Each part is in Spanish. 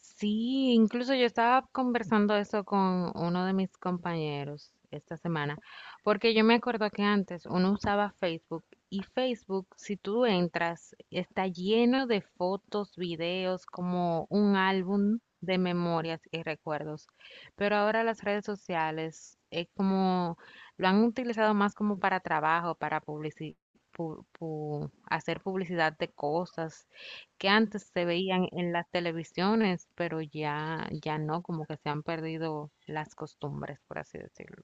Sí, incluso yo estaba conversando eso con uno de mis compañeros esta semana, porque yo me acuerdo que antes uno usaba Facebook y Facebook, si tú entras, está lleno de fotos, videos, como un álbum de memorias y recuerdos. Pero ahora las redes sociales es como lo han utilizado más como para trabajo, para hacer publicidad de cosas que antes se veían en las televisiones, pero ya, ya no, como que se han perdido las costumbres, por así decirlo.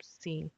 Sí,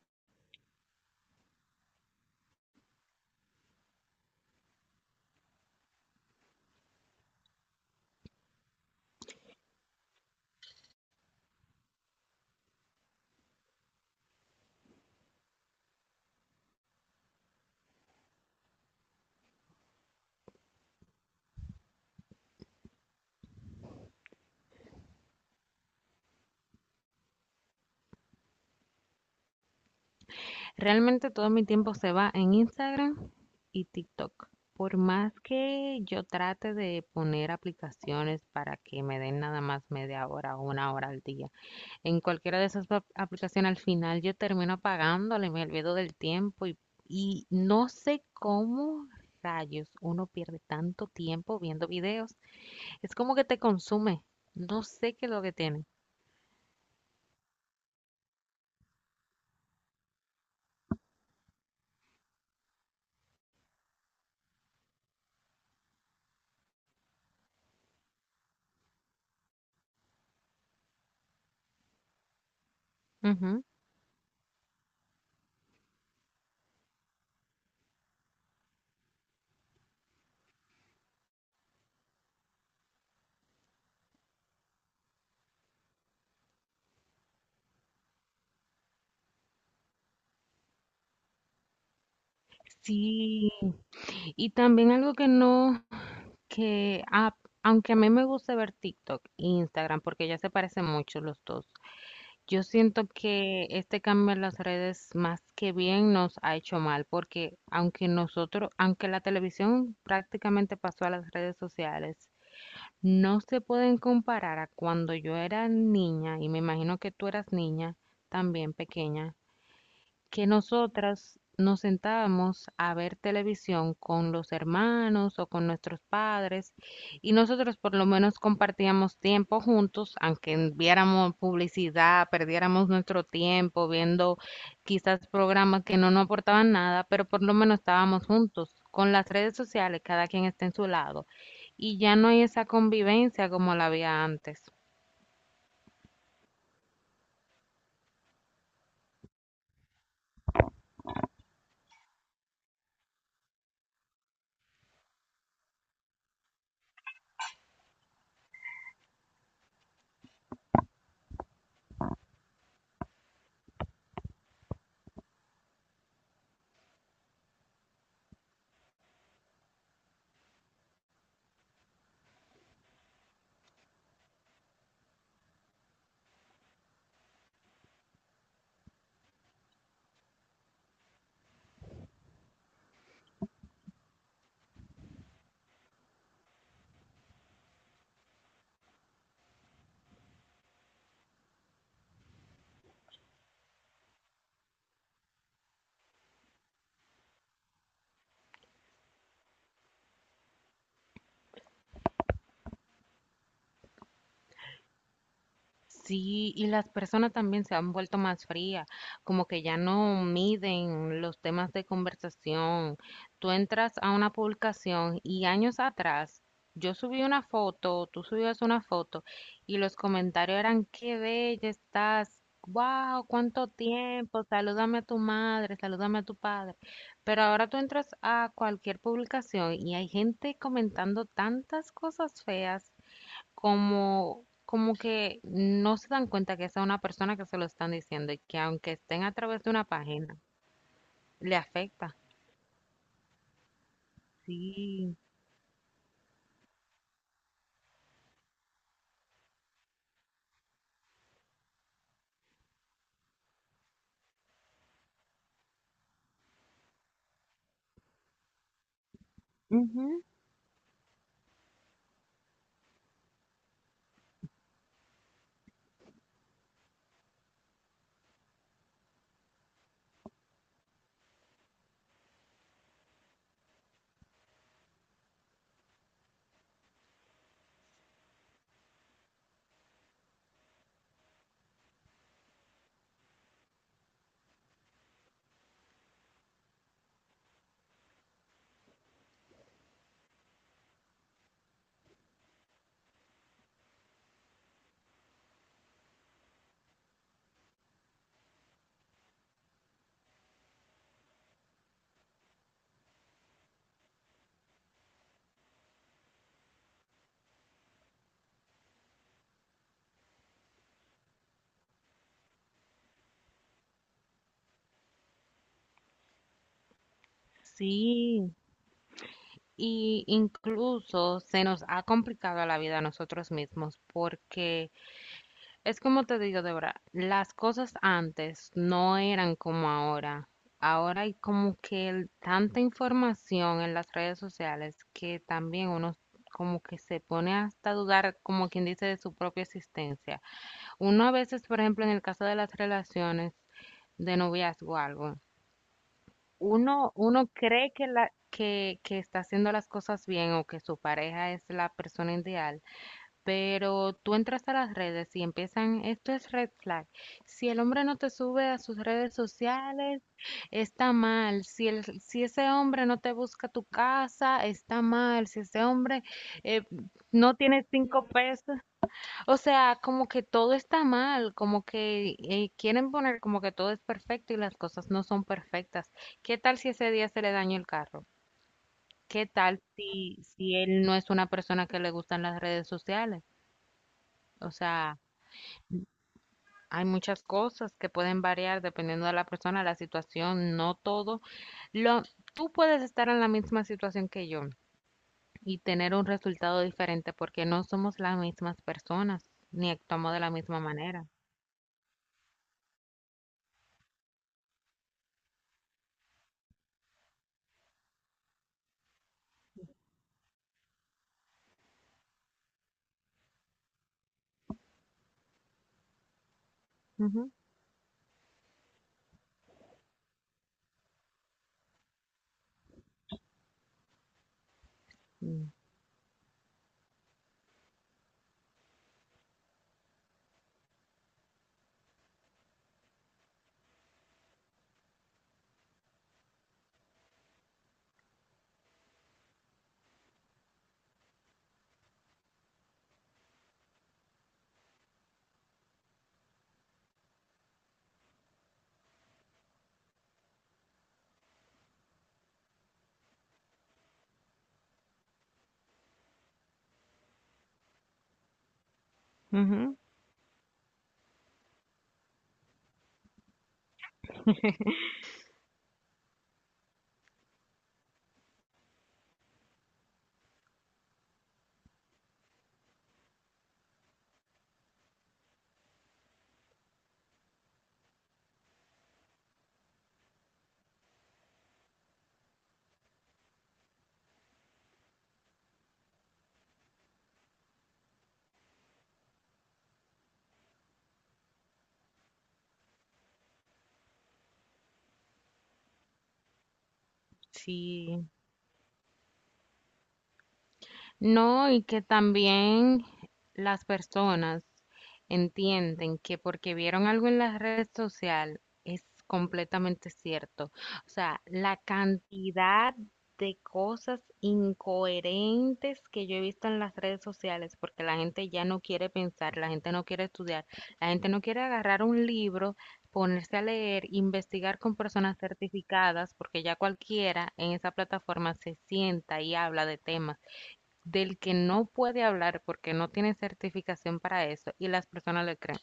realmente todo mi tiempo se va en Instagram y TikTok. Por más que yo trate de poner aplicaciones para que me den nada más media hora o una hora al día, en cualquiera de esas aplicaciones al final yo termino apagándole, me olvido del tiempo y no sé cómo rayos uno pierde tanto tiempo viendo videos. Es como que te consume. No sé qué es lo que tiene. Ujú. Sí. Y también algo que no, que aunque a mí me gusta ver TikTok e Instagram, porque ya se parecen mucho los dos, yo siento que este cambio en las redes más que bien nos ha hecho mal, porque aunque nosotros, aunque la televisión prácticamente pasó a las redes sociales, no se pueden comparar a cuando yo era niña, y me imagino que tú eras niña también pequeña, que nosotras nos sentábamos a ver televisión con los hermanos o con nuestros padres y nosotros por lo menos compartíamos tiempo juntos, aunque viéramos publicidad, perdiéramos nuestro tiempo viendo quizás programas que no nos aportaban nada, pero por lo menos estábamos juntos. Con las redes sociales, cada quien está en su lado y ya no hay esa convivencia como la había antes. Sí, y las personas también se han vuelto más frías, como que ya no miden los temas de conversación. Tú entras a una publicación y años atrás yo subí una foto, tú subías una foto y los comentarios eran, qué bella estás, wow, cuánto tiempo, salúdame a tu madre, salúdame a tu padre. Pero ahora tú entras a cualquier publicación y hay gente comentando tantas cosas feas, como, como que no se dan cuenta que esa es una persona que se lo están diciendo y que aunque estén a través de una página, le afecta. Sí, ujú, sí. Y incluso se nos ha complicado la vida a nosotros mismos porque, es como te digo, Débora, las cosas antes no eran como ahora. Ahora hay como que tanta información en las redes sociales que también uno como que se pone hasta a dudar, como quien dice, de su propia existencia. Uno a veces, por ejemplo, en el caso de las relaciones de noviazgo o algo, uno cree que está haciendo las cosas bien o que su pareja es la persona ideal, pero tú entras a las redes y empiezan, esto es red flag. Si el hombre no te sube a sus redes sociales, está mal. Si el, si ese hombre no te busca tu casa, está mal. Si ese hombre eh, no tiene 5 pesos. O sea, como que todo está mal, como que quieren poner como que todo es perfecto y las cosas no son perfectas. ¿Qué tal si ese día se le dañó el carro? ¿Qué tal si, si él no es una persona que le gustan las redes sociales? O sea, hay muchas cosas que pueden variar dependiendo de la persona, la situación, no todo. Lo, tú puedes estar en la misma situación que yo y tener un resultado diferente porque no somos las mismas personas ni actuamos de la misma manera. Ujú. Mm. Ujú. Sí. No, y que también las personas entienden que porque vieron algo en la red social es completamente cierto. O sea, la cantidad de cosas incoherentes que yo he visto en las redes sociales, porque la gente ya no quiere pensar, la gente no quiere estudiar, la gente no quiere agarrar un libro, ponerse a leer, investigar con personas certificadas, porque ya cualquiera en esa plataforma se sienta y habla de temas del que no puede hablar porque no tiene certificación para eso y las personas le creen.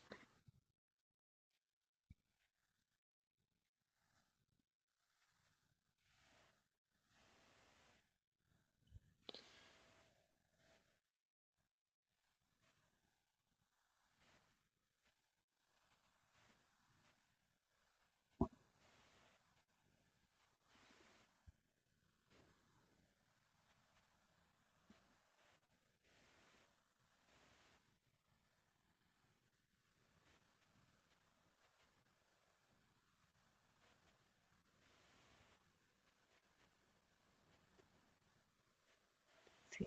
Sí,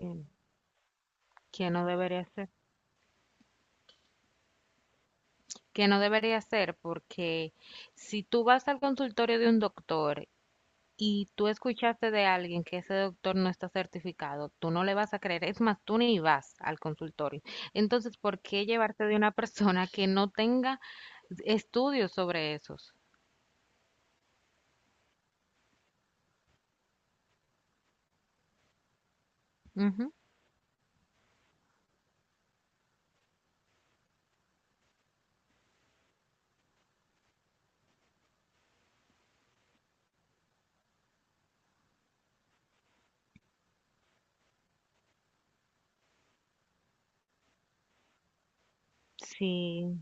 que no debería ser. Que no debería ser, porque si tú vas al consultorio de un doctor y tú escuchaste de alguien que ese doctor no está certificado, tú no le vas a creer, es más, tú ni vas al consultorio. Entonces, ¿por qué llevarte de una persona que no tenga estudios sobre esos? Ujú. Sí,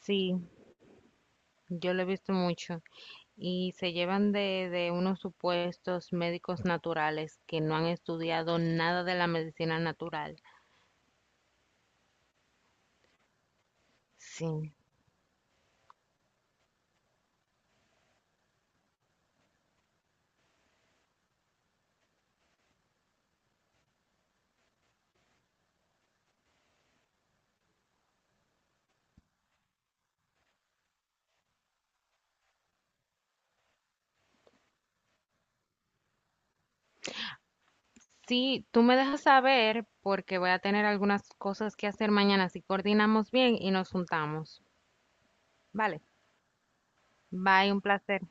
sí. Yo lo he visto mucho. Y se llevan de unos supuestos médicos naturales que no han estudiado nada de la medicina natural. Sí. Sí, tú me dejas saber porque voy a tener algunas cosas que hacer mañana. Si coordinamos bien y nos juntamos. Vale. Bye, un placer.